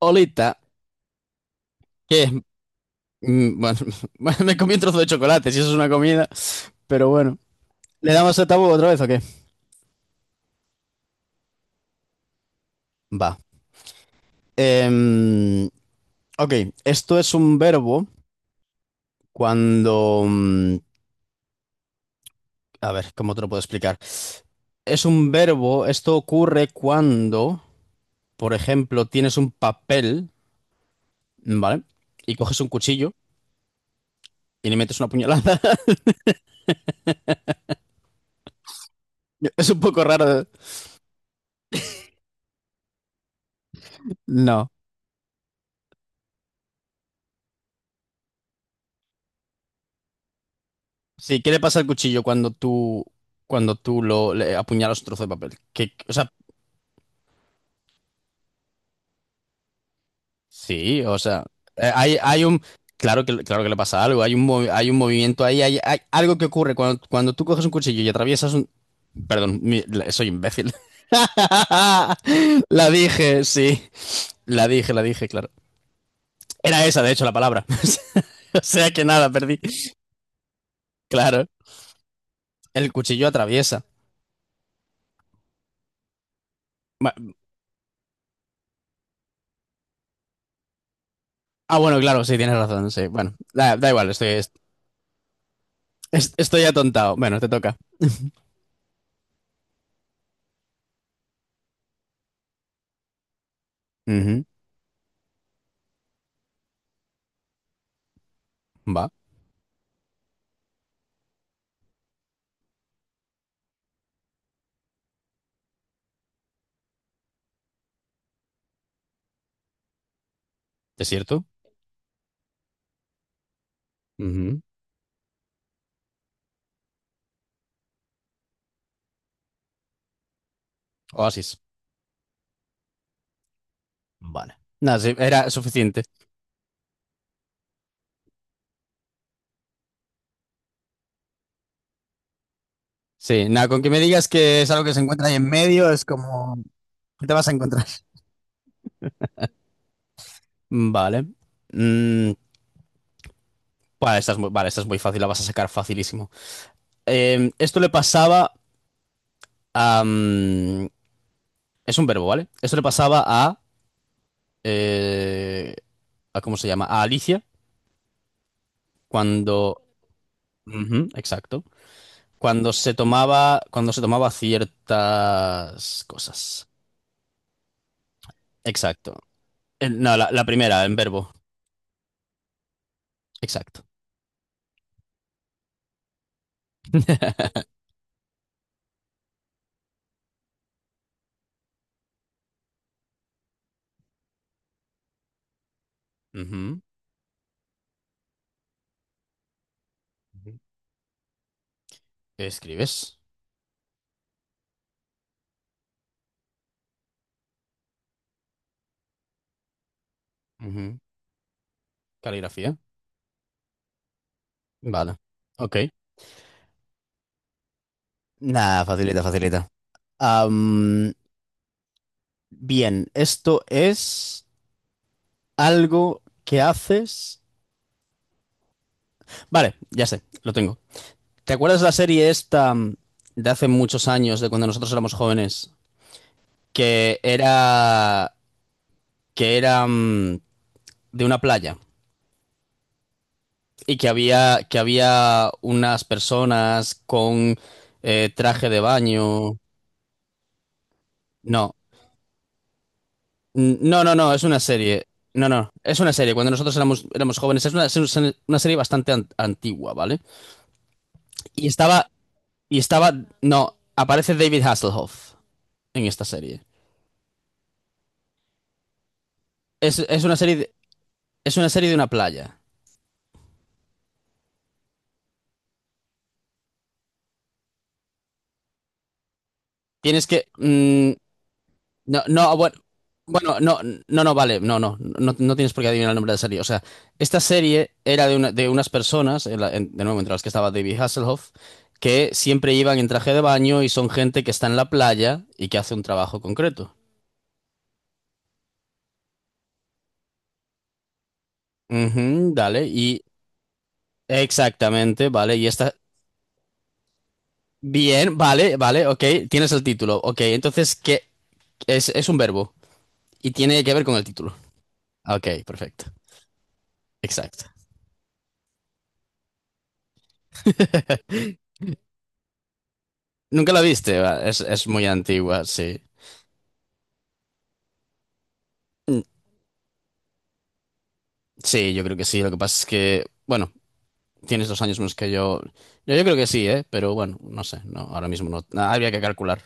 Olita, que es, bueno, bueno, me comí un trozo de chocolate, si eso es una comida, pero bueno. ¿Le damos a tabú otra vez o qué? Va. Em, ok, esto es un verbo cuando... a ver, ¿cómo te lo puedo explicar? Es un verbo, esto ocurre cuando, por ejemplo, tienes un papel, ¿vale? Y coges un cuchillo y le metes una puñalada. Es un poco raro, ¿eh? No. Sí, ¿qué le pasa al cuchillo cuando cuando tú lo le apuñalas un trozo de papel? Que, o sea, sí, o sea, hay, claro que le pasa algo, hay un, hay un movimiento ahí, hay algo que ocurre cuando, cuando tú coges un cuchillo y atraviesas un, perdón, soy imbécil. La dije, sí, la dije, claro. Era esa, de hecho, la palabra. O sea que nada, perdí. Claro, el cuchillo atraviesa. Ba- Ah, bueno, claro, sí, tienes razón, sí. Bueno, da igual, estoy, estoy atontado. Bueno, te toca. Ujú, va. ¿Desierto? Ujú. Oasis. Vale. Nada, sí, era suficiente. Sí, nada, con que me digas que es algo que se encuentra ahí en medio, es como... ¿Qué te vas a encontrar? Vale. Mm, vale, esta es muy, vale, esta es muy fácil, la vas a sacar facilísimo. Esto le pasaba a... es un verbo, ¿vale? Esto le pasaba eh, a ¿cómo se llama? A Alicia cuando... Ujú, exacto. Cuando se tomaba ciertas cosas. Exacto. No, la primera, en verbo. Exacto. Ujú. Ujú. Escribes. Ujú. Caligrafía. Vale. Ok. Nada, facilita, facilita. Am, bien, esto es algo que haces. Vale, ya sé, lo tengo. ¿Te acuerdas de la serie esta de hace muchos años, de cuando nosotros éramos jóvenes, que era que era de una playa? Y que había unas personas con traje de baño. No, no, no, no, es una serie. No, no, es una serie. Cuando nosotros éramos jóvenes, es una, una serie bastante antigua, ¿vale? Y estaba, y estaba, no, aparece David Hasselhoff en esta serie. Es una serie, es una serie de una playa. Tienes que, no, no, ah, bueno, bueno, no, no, no, vale, no, no, no, no tienes por qué adivinar el nombre de la serie. O sea, esta serie era de, de unas personas, de nuevo, entre las que estaba David Hasselhoff, que siempre iban en traje de baño y son gente que está en la playa y que hace un trabajo concreto. Ujú, dale, y exactamente, vale, y está bien, vale, vale, ok, tienes el título, ok, entonces, ¿qué? Es un verbo y tiene que ver con el título. Ok, perfecto, exacto. Nunca la viste, va, es muy antigua, sí. Mm, sí, yo creo que sí. Lo que pasa es que, bueno, tienes dos años menos que yo. Yo creo que sí, ¿eh? Pero bueno, no sé, no, ahora mismo no. Ah, habría que calcular.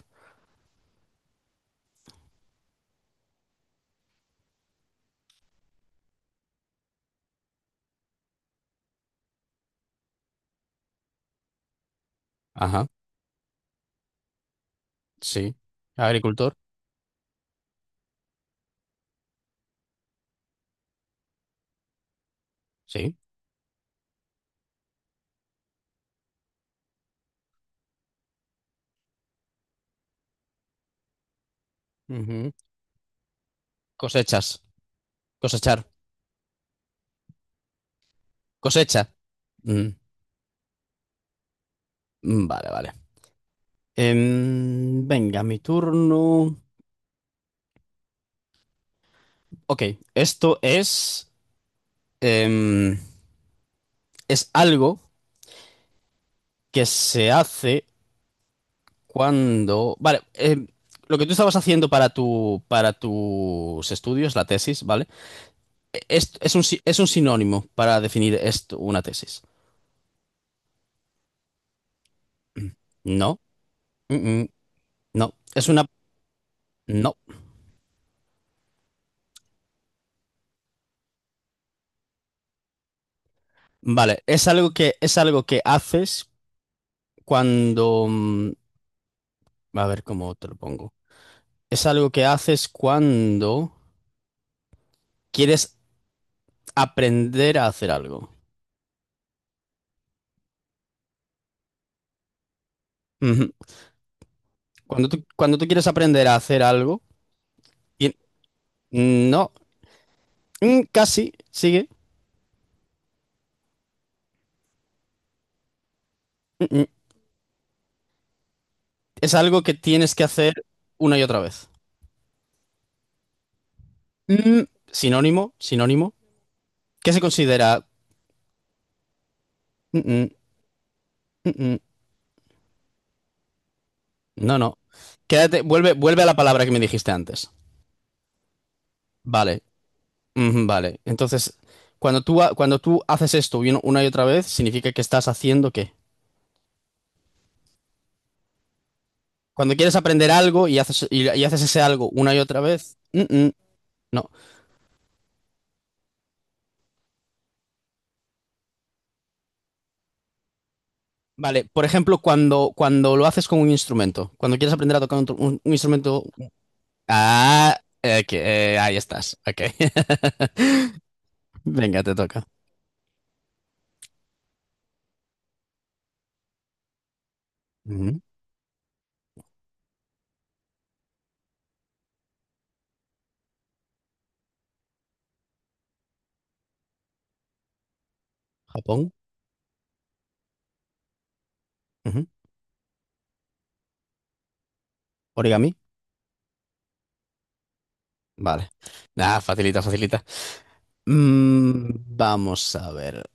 Ajá, sí. Agricultor, sí. Ujú. Cosechas, cosechar, cosecha. Mm, mm, vale, vale. Venga, mi turno. Ok, esto es, em, es algo que se hace cuando. Vale, lo que tú estabas haciendo para para tus estudios, la tesis, ¿vale? Es un, si- es un sinónimo para definir esto, una tesis. No, mm, mm, no, es una. No, vale, es algo que haces cuando. A ver cómo te lo pongo. Es algo que haces cuando quieres aprender a hacer algo. Ujú. Cuando tú quieres aprender a hacer algo. y- No, casi, sigue. Es algo que tienes que hacer una y otra vez. Mm, sinónimo, sinónimo. ¿Qué se considera? Mm, mm, mm, mm. No, no. Quédate, vuelve a la palabra que me dijiste antes. Vale, ujú, vale. Entonces, cuando cuando tú haces esto y una y otra vez, significa que estás haciendo qué? Cuando quieres aprender algo y haces, y haces ese algo una y otra vez, mm, mm, no. Vale, por ejemplo, cuando lo haces con un instrumento, cuando quieres aprender a tocar un, un instrumento. Ah, ok, ahí estás. Ok. Venga, te toca. Ujú. Japón. Ujú. Origami. Vale. Ah, facilita, facilita. Mm, vamos a ver.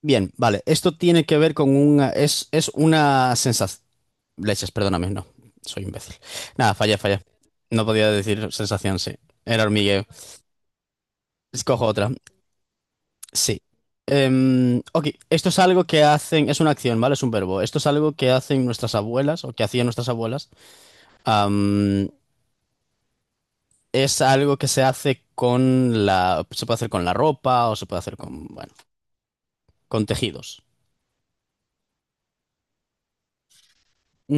Bien, vale. Esto tiene que ver con una. Es una sensación. Leches, perdóname, no. Soy imbécil. Nada, falla, falla. No podía decir sensación, sí. Era hormigueo. Escojo otra. Sí. Ok, esto es algo que hacen, es una acción, ¿vale? Es un verbo. Esto es algo que hacen nuestras abuelas o que hacían nuestras abuelas. Am, es algo que se hace con la, se puede hacer con la ropa o se puede hacer con, bueno, con tejidos.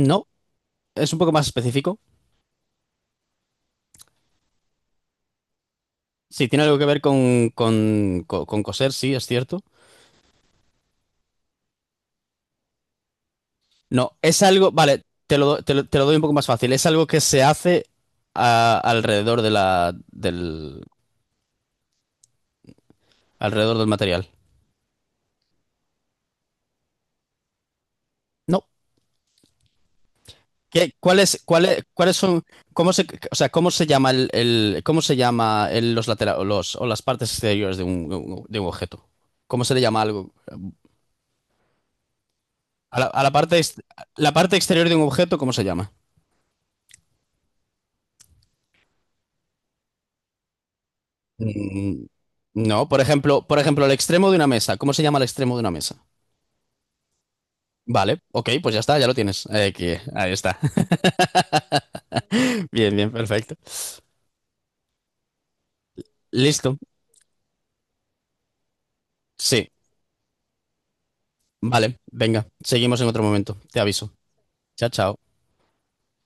No, es un poco más específico. Sí, tiene algo que ver con, con coser, sí, es cierto. No, es algo, vale, te lo, te lo, te lo doy un poco más fácil. Es algo que se hace alrededor de alrededor del material. No. ¿Qué, cuál es- ¿cuáles son, o sea, cómo se llama cómo se llama los laterales, los, o las partes exteriores de un objeto? ¿Cómo se le llama algo? A la parte, la parte exterior de un objeto, ¿cómo se llama? Mm, no, por ejemplo, el extremo de una mesa. ¿Cómo se llama el extremo de una mesa? Vale, ok, pues ya está, ya lo tienes. Ahí está. Bien, bien, perfecto. Listo. Sí, vale, venga, seguimos en otro momento. Te aviso. Chao, chao.